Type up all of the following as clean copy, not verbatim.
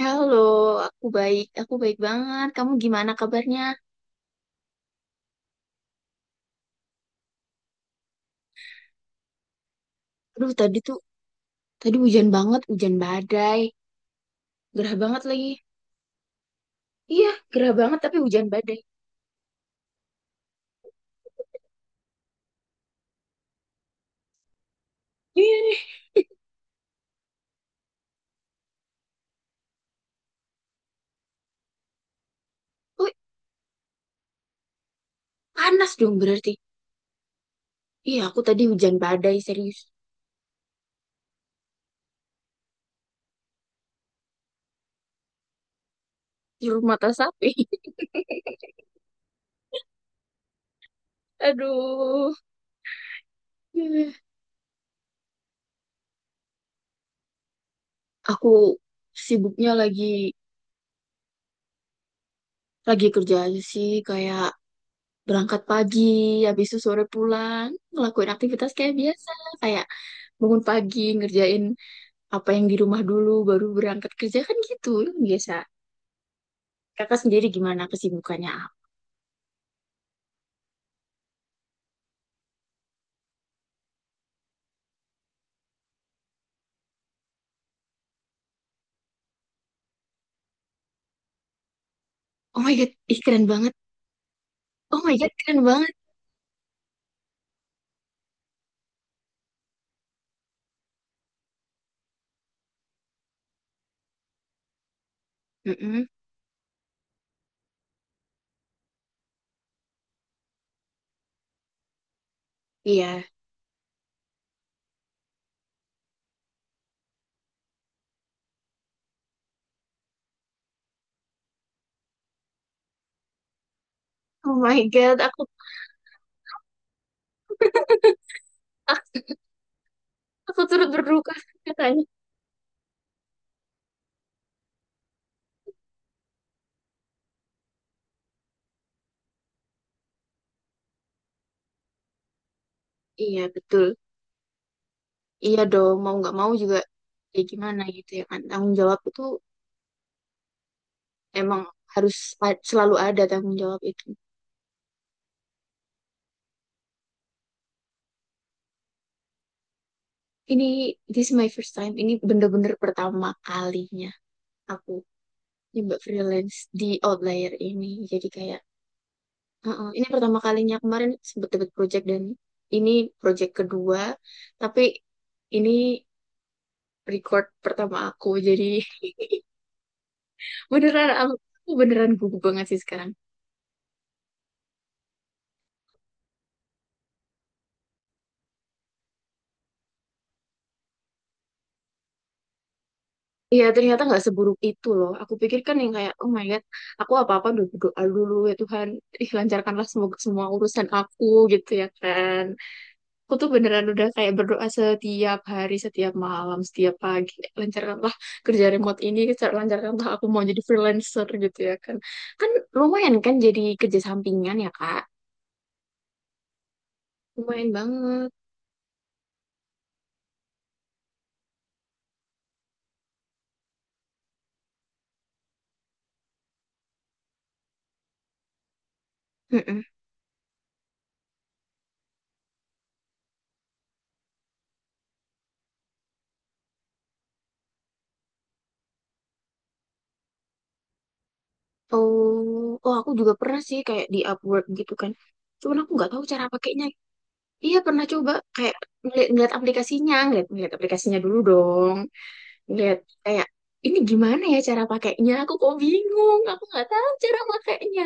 Halo, aku baik. Aku baik banget. Kamu gimana kabarnya? Aduh, tadi tuh, tadi hujan banget, hujan badai. Gerah banget lagi. Iya, gerah banget tapi hujan badai. Iya nih. Oh, panas dong berarti. Iya, aku tadi hujan badai, serius. Di mata sapi. Aduh. Iya. Aku sibuknya lagi kerja aja sih. Kayak berangkat pagi, habis itu sore pulang. Ngelakuin aktivitas kayak biasa. Kayak bangun pagi, ngerjain apa yang di rumah dulu baru berangkat kerja kan gitu yang biasa. Kakak sendiri gimana kesibukannya? Oh my God, ih, keren banget. Oh my God, keren banget. Mm-mm. Iya. Oh my God, aku turut berduka katanya. Iya, betul. Iya dong, mau nggak mau juga. Ya gimana gitu ya kan, tanggung jawab itu emang harus selalu ada tanggung jawab itu. Ini this is my first time, ini bener-bener pertama kalinya aku nyoba freelance di Outlier ini, jadi kayak. Heeh, ini pertama kalinya kemarin sebut-sebut project dan ini project kedua, tapi ini record pertama aku. Jadi, beneran aku beneran gugup banget sih sekarang. Iya, ternyata nggak seburuk itu loh. Aku pikir kan yang kayak, oh my God, aku apa-apa doa dulu ya Tuhan, ih lancarkanlah semoga semua urusan aku, gitu ya kan. Aku tuh beneran udah kayak berdoa setiap hari, setiap malam, setiap pagi. Lancarkanlah kerja remote ini, lancarkanlah aku mau jadi freelancer gitu ya kan. Kan lumayan kan jadi kerja sampingan ya Kak. Lumayan banget. Mm-mm. Oh, oh aku juga pernah sih kayak di Upwork gitu kan. Cuman aku nggak tahu cara pakainya. Iya pernah coba kayak ngeliat aplikasinya, ngeliat aplikasinya dulu dong. Ngeliat kayak ini gimana ya cara pakainya? Aku kok bingung, aku nggak tahu cara pakainya.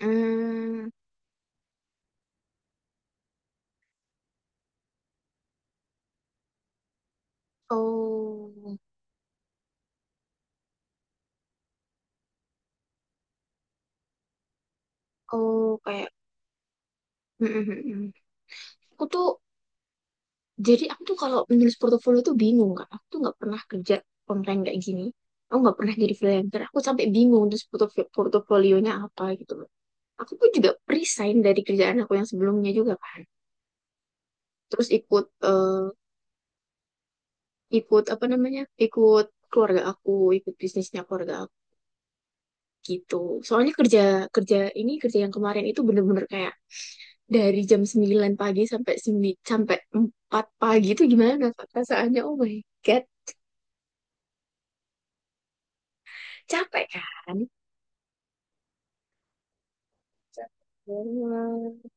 Hmm, oh, oh kayak, mm, mm, mm, mm. Aku tuh, jadi aku tuh kalau menulis portofolio tuh bingung kak. Aku tuh nggak pernah kerja online kayak gini. Aku nggak pernah jadi freelancer. Aku sampai bingung terus portofolionya apa gitu loh. Aku pun juga resign dari kerjaan aku yang sebelumnya juga kan. Terus ikut, ikut apa namanya? Ikut keluarga aku, ikut bisnisnya keluarga gitu. Soalnya kerja kerja ini kerja yang kemarin itu bener-bener kayak dari jam 9 pagi sampai sampai 4 pagi itu gimana Kak, perasaannya? Oh my God, capek kan? Capek banget.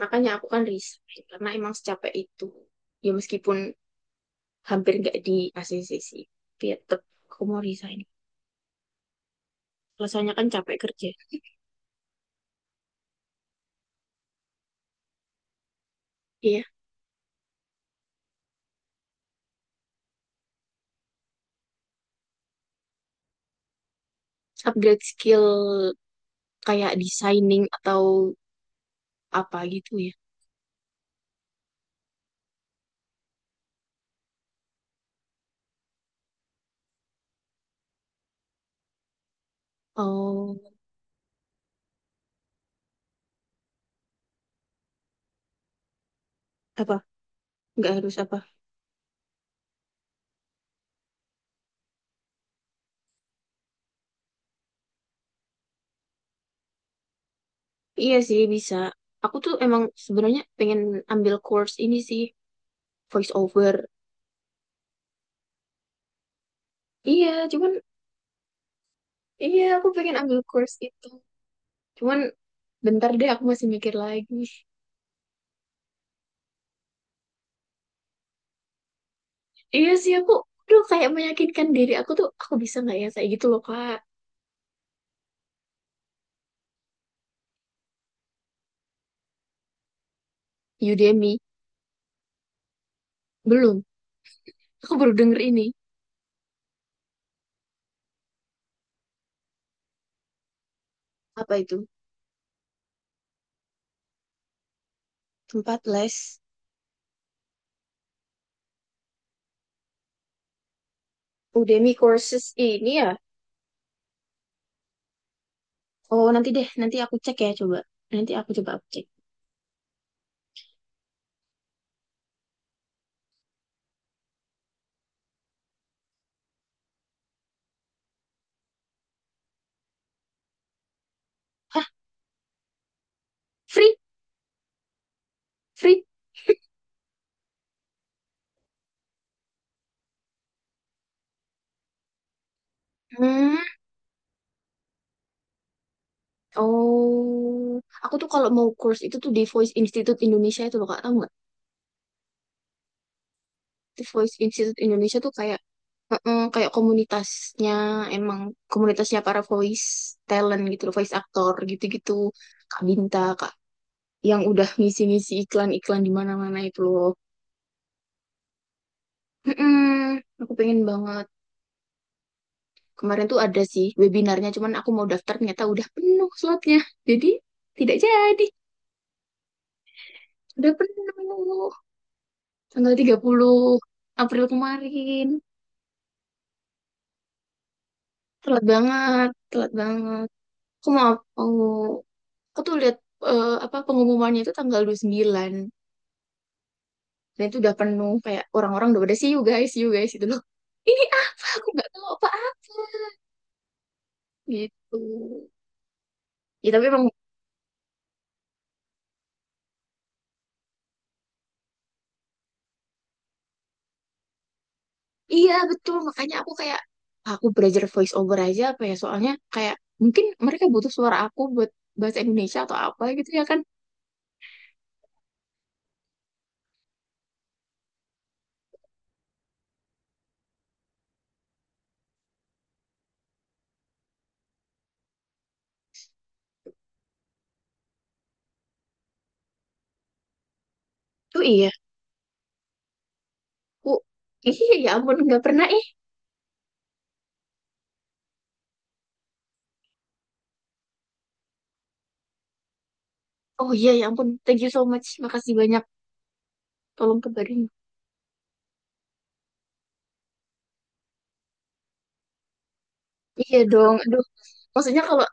Makanya aku kan resign karena emang secapek itu. Ya meskipun hampir nggak di ACC sih, tapi ya tetep aku mau resign. Alasannya kan capek kerja. Iya, upgrade skill kayak designing atau apa gitu ya. Oh, apa? Nggak harus apa? Iya sih bisa. Aku tuh emang sebenarnya pengen ambil course ini sih voice over. Iya, cuman iya aku pengen ambil course itu. Cuman bentar deh aku masih mikir lagi. Iya sih aku aduh kayak meyakinkan diri aku tuh aku bisa nggak ya kayak gitu loh Kak. Udemy belum. Aku baru denger ini. Apa itu? Tempat les Udemy courses ini ya. Oh, nanti deh nanti aku cek ya coba. Nanti aku coba aku cek. Hah, free? Free? Hmm. Oh, aku tuh kalau mau course itu tuh di Voice Institute Indonesia itu loh Kak, tahu nggak? Di Voice Institute Indonesia tuh kayak heeh, kayak komunitasnya emang komunitasnya para voice talent gitu loh, voice actor gitu-gitu. Kak Binta, Kak yang udah ngisi-ngisi iklan-iklan di mana-mana itu loh. Heeh, aku pengen banget. Kemarin tuh ada sih webinarnya, cuman aku mau daftar ternyata udah penuh slotnya. Jadi tidak jadi, udah penuh. Tanggal 30 April kemarin. Telat banget, telat banget. Aku mau, mau aku tuh lihat apa pengumumannya itu tanggal 29. Dan itu udah penuh kayak orang-orang udah pada see you guys itu loh. Ini apa? Aku nggak tahu apa-apa gitu. Ya tapi emang iya betul makanya aku kayak aku belajar voice over aja apa ya soalnya kayak mungkin mereka butuh suara aku buat bahasa Indonesia atau apa gitu ya kan. Oh iya, aku iya ya ampun nggak pernah eh. Oh iya ya ampun, thank you so much. Makasih banyak. Tolong kabarin. Iya dong. Aduh, maksudnya kalau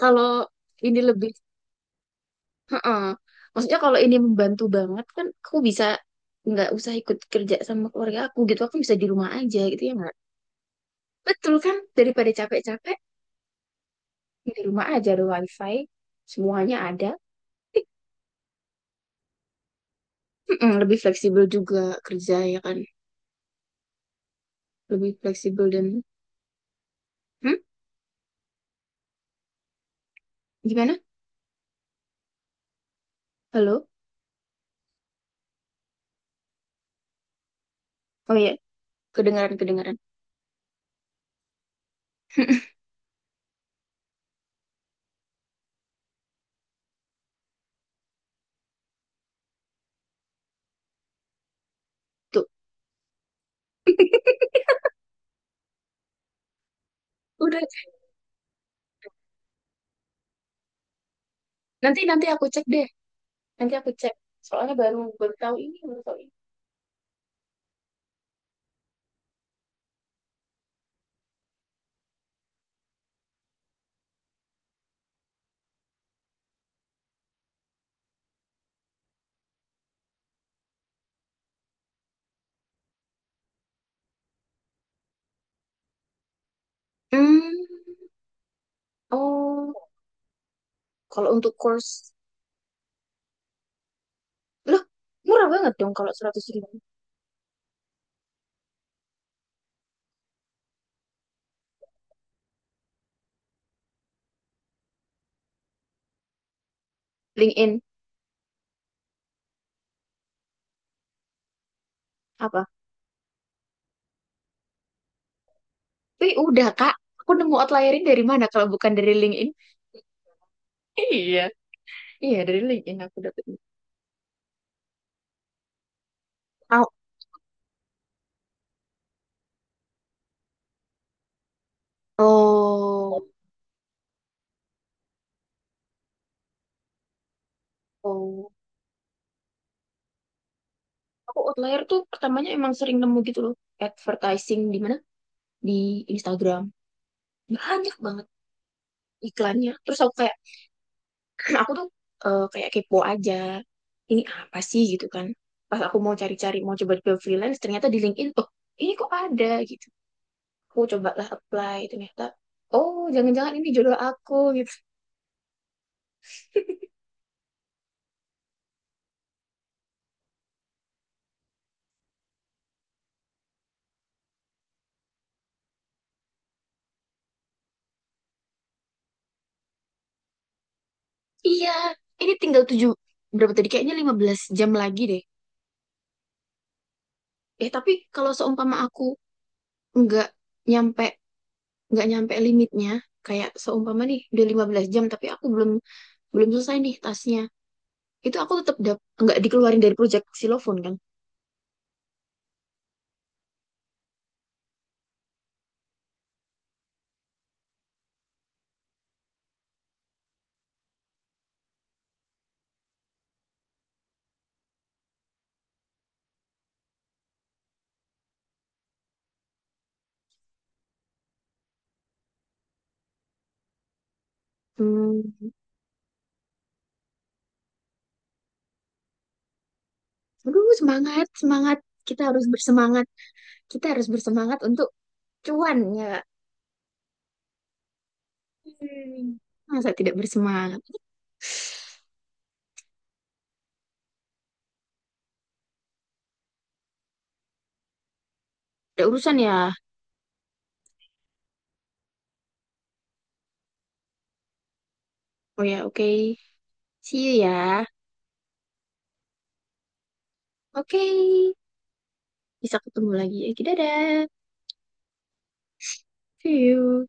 kalau ini lebih, heeh. Maksudnya kalau ini membantu banget kan, aku bisa nggak usah ikut kerja sama keluarga aku gitu. Aku bisa di rumah aja gitu ya nggak? Betul kan? Daripada capek-capek di rumah aja ada wifi, semuanya ada. Heeh, lebih fleksibel juga kerja ya kan? Lebih fleksibel dan hmm? Gimana? Halo? Oh iya, kedengaran kedengaran. Tuh, udah. Nanti nanti aku cek deh. Nanti aku cek. Soalnya baru baru tahu ini, baru tahu. Hmm, oh, kalau untuk course, loh, murah banget dong kalau 100 ribu. LinkedIn, apa? Tapi udah, Kak. Aku nemu outlierin dari mana kalau bukan dari LinkedIn? Iya, iya dari LinkedIn aku dapet. Oh, oh, oh. Aku outlier tuh pertamanya emang sering nemu gitu loh. Advertising di mana? Di Instagram. Banyak banget iklannya. Terus aku kayak, aku tuh kayak kepo aja ini apa sih gitu kan pas aku mau cari-cari mau coba-coba freelance ternyata di LinkedIn, oh ini kok ada gitu aku cobalah apply ternyata oh jangan-jangan ini jodoh aku gitu. Iya, ini tinggal tujuh berapa tadi kayaknya 15 jam lagi deh. Eh tapi kalau seumpama aku nggak nyampe nggak nyampe limitnya, kayak seumpama nih udah 15 jam tapi aku belum belum selesai nih tasnya, itu aku tetap nggak dikeluarin dari project silofon kan. Hmm. Aduh, semangat semangat, kita harus bersemangat, kita harus bersemangat untuk cuan ya. Hmm, masa tidak bersemangat. Ada urusan ya. Oh ya, oke. Okay. See you ya. Oke. Okay. Bisa ketemu lagi ya. Dadah, see you.